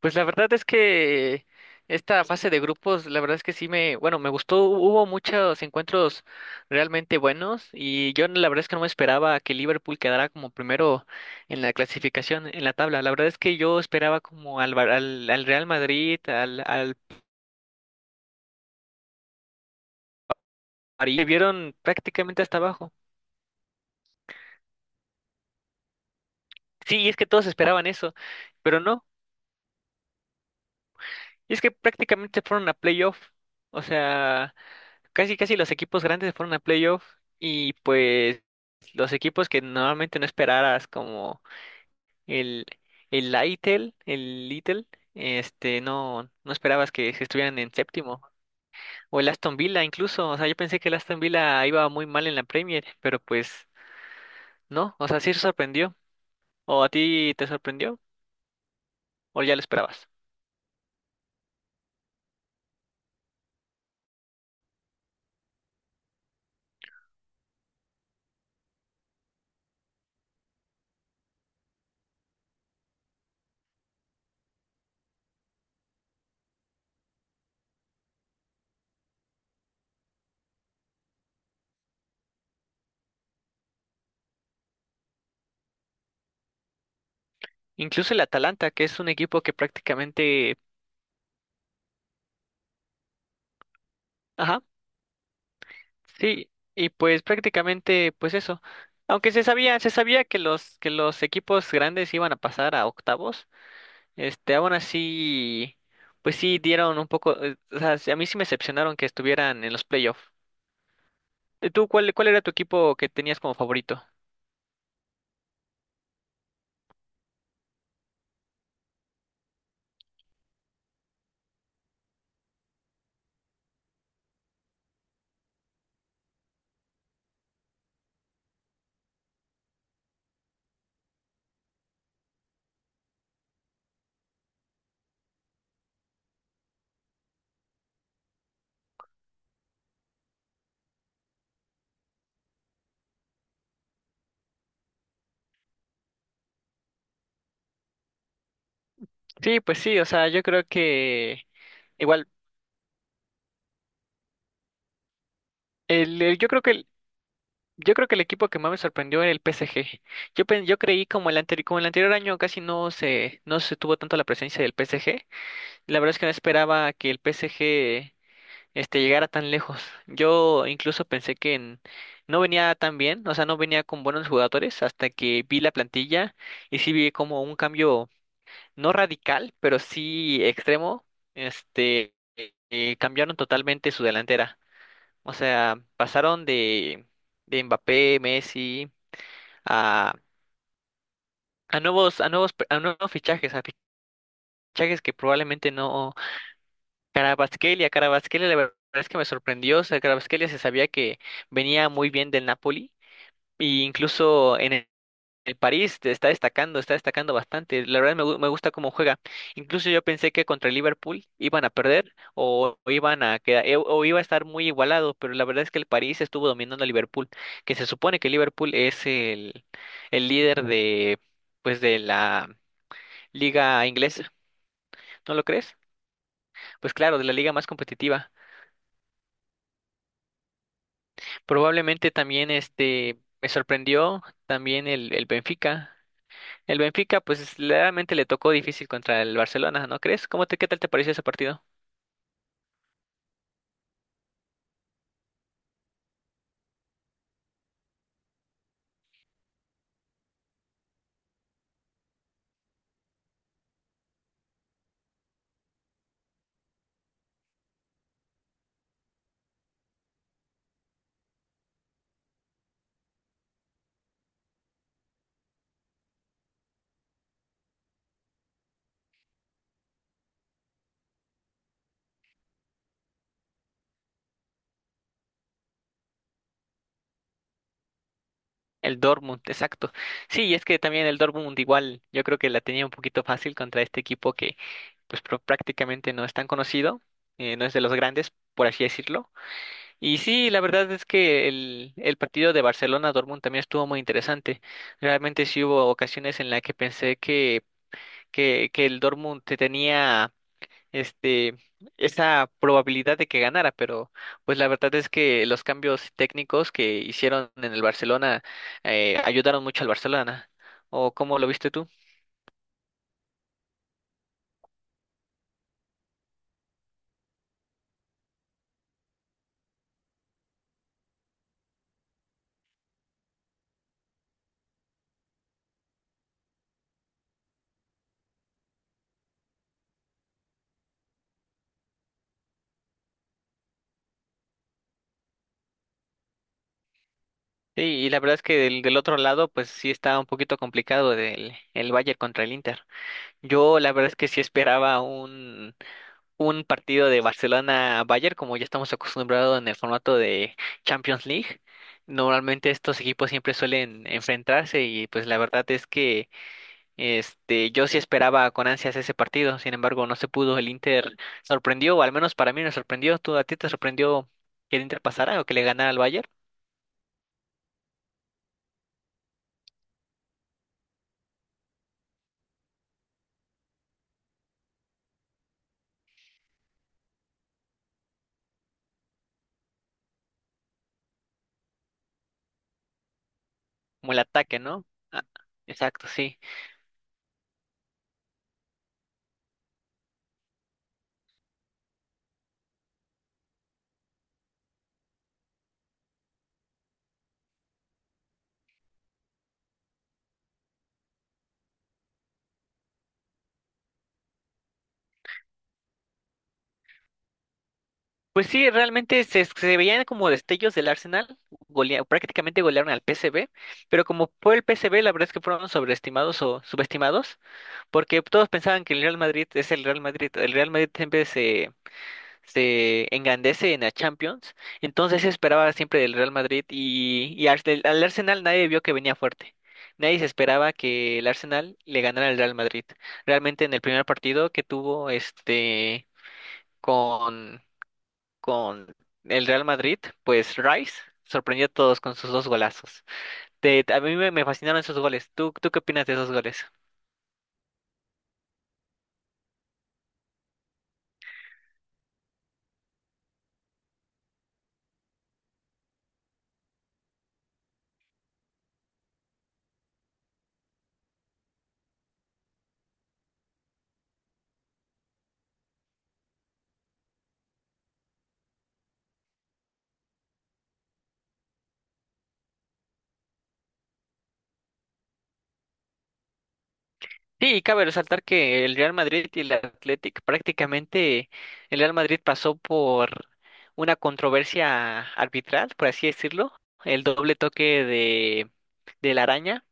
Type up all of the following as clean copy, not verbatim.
Pues la verdad es que esta fase de grupos, la verdad es que sí me, bueno, me gustó, hubo muchos encuentros realmente buenos y yo la verdad es que no me esperaba que Liverpool quedara como primero en la clasificación, en la tabla. La verdad es que yo esperaba como al, Bar- al, al Real Madrid, al, al París, me vieron prácticamente hasta abajo. Sí, y es que todos esperaban eso, pero no, y es que prácticamente fueron a playoff, o sea, casi casi los equipos grandes se fueron a playoff y pues los equipos que normalmente no esperaras como el el Lytle, el Little, este, no esperabas que estuvieran en séptimo o el Aston Villa incluso, o sea, yo pensé que el Aston Villa iba muy mal en la Premier, pero pues no, o sea, sí se sorprendió. ¿O a ti te sorprendió o ya lo esperabas? Incluso el Atalanta, que es un equipo que prácticamente, ajá, sí, y pues prácticamente, pues eso. Aunque se sabía que los equipos grandes iban a pasar a octavos, este, aún así, pues sí dieron un poco, o sea, sí, a mí sí me decepcionaron que estuvieran en los playoffs. ¿Tú cuál, cuál era tu equipo que tenías como favorito? Sí, pues sí, o sea, yo creo que igual, el- yo creo que el, yo creo que el equipo que más me sorprendió era el PSG. Yo pen- yo creí como el anterior año casi no se, no se tuvo tanto la presencia del PSG. La verdad es que no esperaba que el PSG este llegara tan lejos. Yo incluso pensé que en- no venía tan bien, o sea, no venía con buenos jugadores hasta que vi la plantilla y sí vi como un cambio no radical, pero sí extremo. Este cambiaron totalmente su delantera. O sea, pasaron de Mbappé, Messi, a, a nuevos, pe- a nuevos fichajes, a fichajes que probablemente no. Carabasquelia, Carabasquelia, la verdad es que me sorprendió. O sea, Carabasquelia se sabía que venía muy bien del Napoli. E incluso en el París te está destacando bastante. La verdad me, gu- me gusta cómo juega. Incluso yo pensé que contra el Liverpool iban a perder o iban a quedar, e- o iba a estar muy igualado, pero la verdad es que el París estuvo dominando a Liverpool, que se supone que Liverpool es el líder de pues de la liga inglesa, ¿no lo crees? Pues claro, de la liga más competitiva. Probablemente también este me sorprendió también el Benfica. El Benfica, pues realmente le tocó difícil contra el Barcelona, ¿no crees? ¿Cómo te, qué tal te pareció ese partido? El Dortmund, exacto. Sí, y es que también el Dortmund igual, yo creo que la tenía un poquito fácil contra este equipo que pues pro- prácticamente no es tan conocido, no es de los grandes, por así decirlo. Y sí, la verdad es que el partido de Barcelona-Dortmund también estuvo muy interesante. Realmente sí hubo ocasiones en las que pensé que el Dortmund te tenía este, esa probabilidad de que ganara, pero pues la verdad es que los cambios técnicos que hicieron en el Barcelona ayudaron mucho al Barcelona. ¿O cómo lo viste tú? Sí, y la verdad es que del, del otro lado, pues sí está un poquito complicado del, el Bayern contra el Inter. Yo la verdad es que sí esperaba un partido de Barcelona-Bayern, como ya estamos acostumbrados en el formato de Champions League. Normalmente estos equipos siempre suelen enfrentarse y pues la verdad es que este, yo sí esperaba con ansias ese partido, sin embargo, no se pudo. El Inter sorprendió, o al menos para mí me sorprendió. ¿Tú a ti te sorprendió que el Inter pasara o que le ganara al Bayern? Como el ataque, ¿no? Ah, exacto, sí. Pues sí, realmente se, se veían como destellos del Arsenal, golea- prácticamente golearon al PSV, pero como fue el PSV, la verdad es que fueron sobreestimados o subestimados, porque todos pensaban que el Real Madrid es el Real Madrid. El Real Madrid siempre se engrandece en la Champions, entonces se esperaba siempre del Real Madrid y Arse- al Arsenal nadie vio que venía fuerte. Nadie se esperaba que el Arsenal le ganara al Real Madrid. Realmente en el primer partido que tuvo este con, con el Real Madrid, pues Rice sorprendió a todos con sus dos golazos. Te- a mí me, me fascinaron esos goles. ¿Tú, tú qué opinas de esos goles? Sí, cabe resaltar que el Real Madrid y el Athletic prácticamente el Real Madrid pasó por una controversia arbitral, por así decirlo, el doble toque de la araña.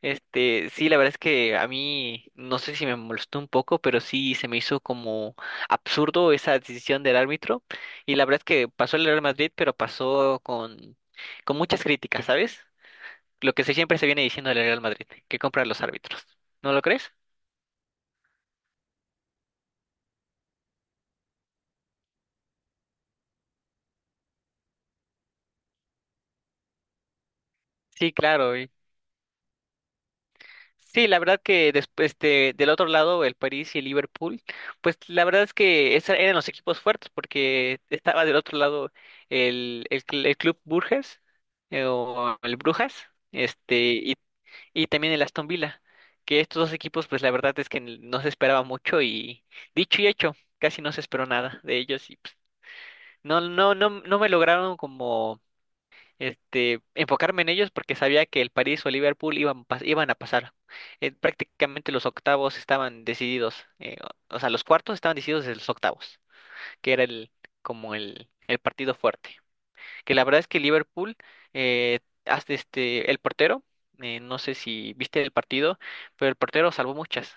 Este, sí, la verdad es que a mí no sé si me molestó un poco, pero sí se me hizo como absurdo esa decisión del árbitro y la verdad es que pasó el Real Madrid, pero pasó con muchas críticas, ¿sabes? Lo que se- siempre se viene diciendo del Real Madrid, que compra los árbitros. ¿No lo crees? Sí, claro. Y- sí, la verdad que después este, del otro lado, el París y el Liverpool, pues la verdad es que esos eran los equipos fuertes porque estaba del otro lado el, cl- el Club Burges o el Brujas, este y también el Aston Villa, que estos dos equipos pues la verdad es que n- no se esperaba mucho y dicho y hecho, casi no se esperó nada de ellos y pues, no me lograron como este, enfocarme en ellos porque sabía que el París o Liverpool iban, pas- iban a pasar. Prácticamente los octavos estaban decididos, o sea, los cuartos estaban decididos desde los octavos, que era el, como el partido fuerte. Que la verdad es que Liverpool, eh, hasta este, el portero, no sé si viste el partido, pero el portero salvó muchas.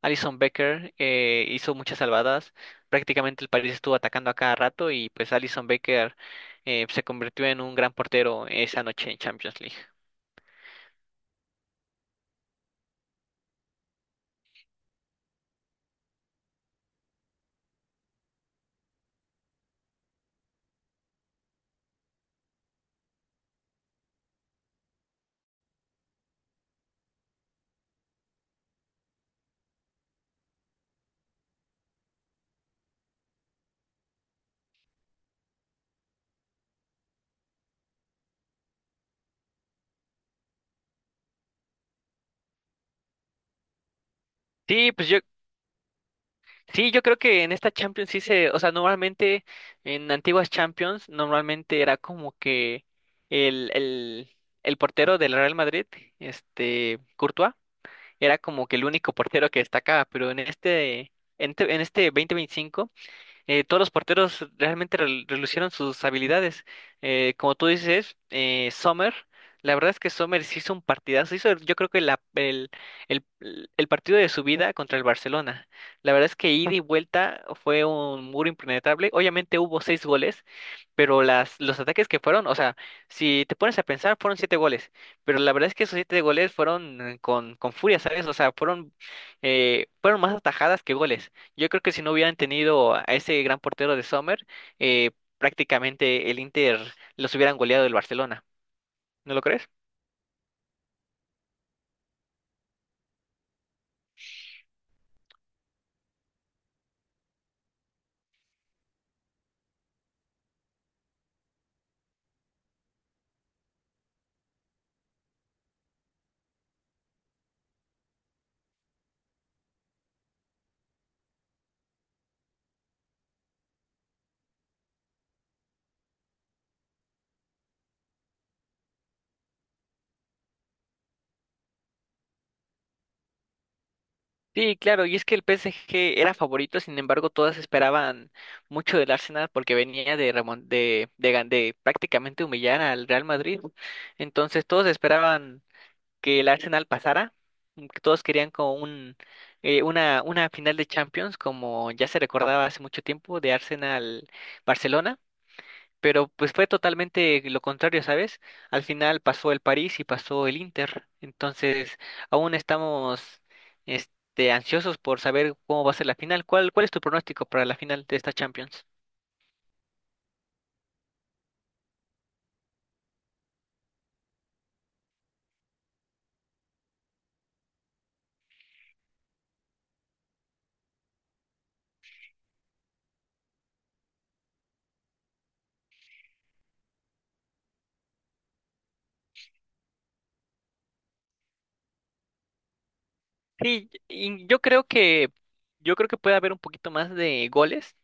Alison Becker hizo muchas salvadas. Prácticamente el París estuvo atacando a cada rato y pues Alison Becker se convirtió en un gran portero esa noche en Champions League. Sí, pues yo sí, yo creo que en esta Champions sí se, o sea, normalmente en antiguas Champions normalmente era como que el el el portero del Real Madrid, este Courtois, era como que el único portero que destacaba, pero en este en, te- en este 2025 todos los porteros realmente rel- relucieron sus habilidades. Como tú dices, Sommer, la verdad es que Sommer sí hizo un partidazo, hizo yo creo que la- el, el partido de su vida contra el Barcelona. La verdad es que ida y vuelta fue un muro impenetrable. Obviamente hubo seis goles, pero las, los ataques que fueron, o sea, si te pones a pensar, fueron siete goles, pero la verdad es que esos siete goles fueron con furia, ¿sabes? O sea, fueron, fueron más atajadas que goles. Yo creo que si no hubieran tenido a ese gran portero de Sommer, eh, prácticamente el Inter los hubieran goleado del Barcelona, ¿no lo crees? Sí, claro, y es que el PSG era favorito, sin embargo, todas esperaban mucho del Arsenal porque venía de, remon- de gan- de prácticamente humillar al Real Madrid. Entonces, todos esperaban que el Arsenal pasara. Que todos querían como un, una final de Champions, como ya se recordaba hace mucho tiempo, de Arsenal-Barcelona, pero pues fue totalmente lo contrario, ¿sabes? Al final pasó el París y pasó el Inter, entonces aún estamos este, ansiosos por saber cómo va a ser la final. ¿Cuál, cuál es tu pronóstico para la final de esta Champions? Sí, y yo creo que puede haber un poquito más de goles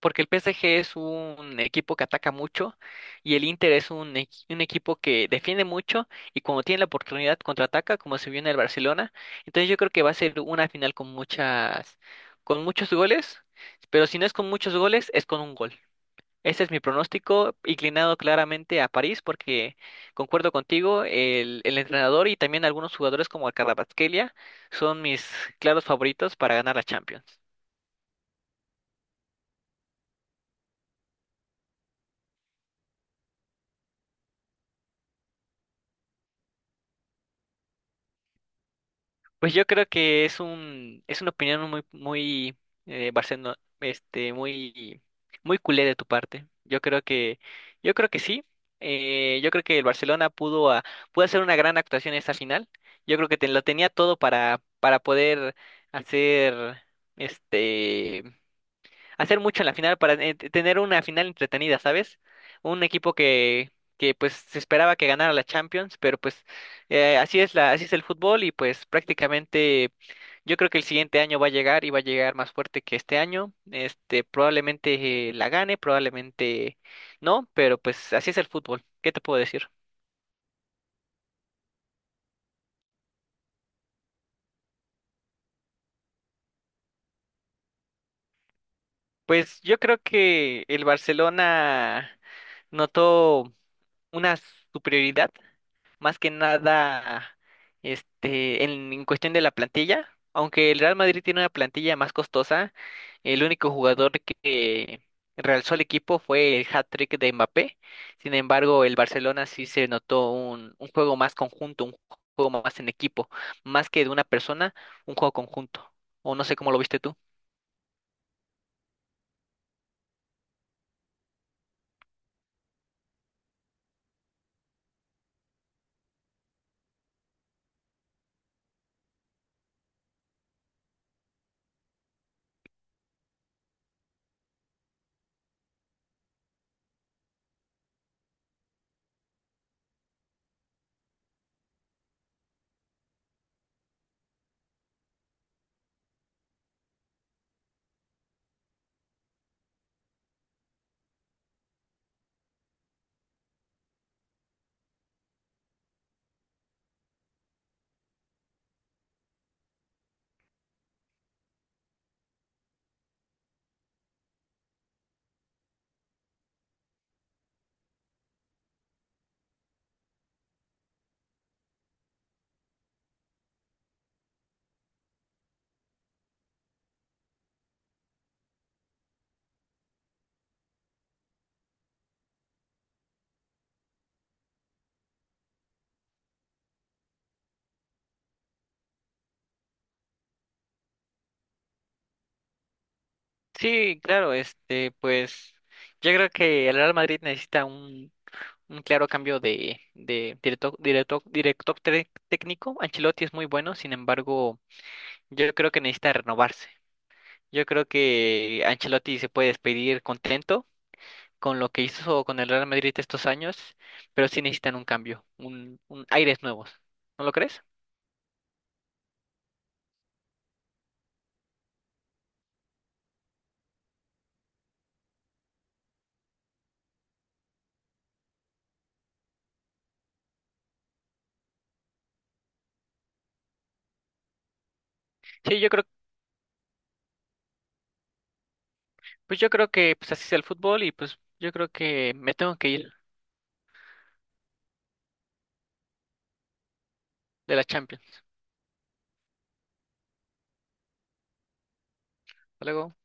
porque el PSG es un equipo que ataca mucho y el Inter es un, equi- un equipo que defiende mucho y cuando tiene la oportunidad contraataca, como se vio en el Barcelona. Entonces yo creo que va a ser una final con muchas, con muchos goles, pero si no es con muchos goles, es con un gol. Ese es mi pronóstico, inclinado claramente a París, porque concuerdo contigo, el entrenador y también algunos jugadores como el Kvaratskhelia son mis claros favoritos para ganar la Champions. Pues yo creo que es un, es una opinión muy, muy, Barcelona, este, muy, muy culé de tu parte. Yo creo que sí. Yo creo que el Barcelona pudo, a- pudo hacer una gran actuación en esta final. Yo creo que te- lo tenía todo para poder hacer, este, hacer mucho en la final para t- tener una final entretenida, ¿sabes? Un equipo que pues se esperaba que ganara la Champions, pero pues así es la, así es el fútbol y pues prácticamente yo creo que el siguiente año va a llegar y va a llegar más fuerte que este año. Este, probablemente la gane, probablemente no, pero pues así es el fútbol. ¿Qué te puedo decir? Pues yo creo que el Barcelona notó una superioridad más que nada este, en cuestión de la plantilla. Aunque el Real Madrid tiene una plantilla más costosa, el único jugador que realzó el equipo fue el hat-trick de Mbappé. Sin embargo, el Barcelona sí se notó un juego más conjunto, un juego más en equipo, más que de una persona, un juego conjunto. O no sé cómo lo viste tú. Sí, claro, este, pues yo creo que el Real Madrid necesita un claro cambio de directo, directo, director tec- técnico. Ancelotti es muy bueno, sin embargo, yo creo que necesita renovarse. Yo creo que Ancelotti se puede despedir contento con lo que hizo con el Real Madrid estos años, pero sí necesitan un cambio, un aires nuevos. ¿No lo crees? Sí, yo creo, pues yo creo que pues así es el fútbol y pues yo creo que me tengo que ir de la Champions. Hasta luego.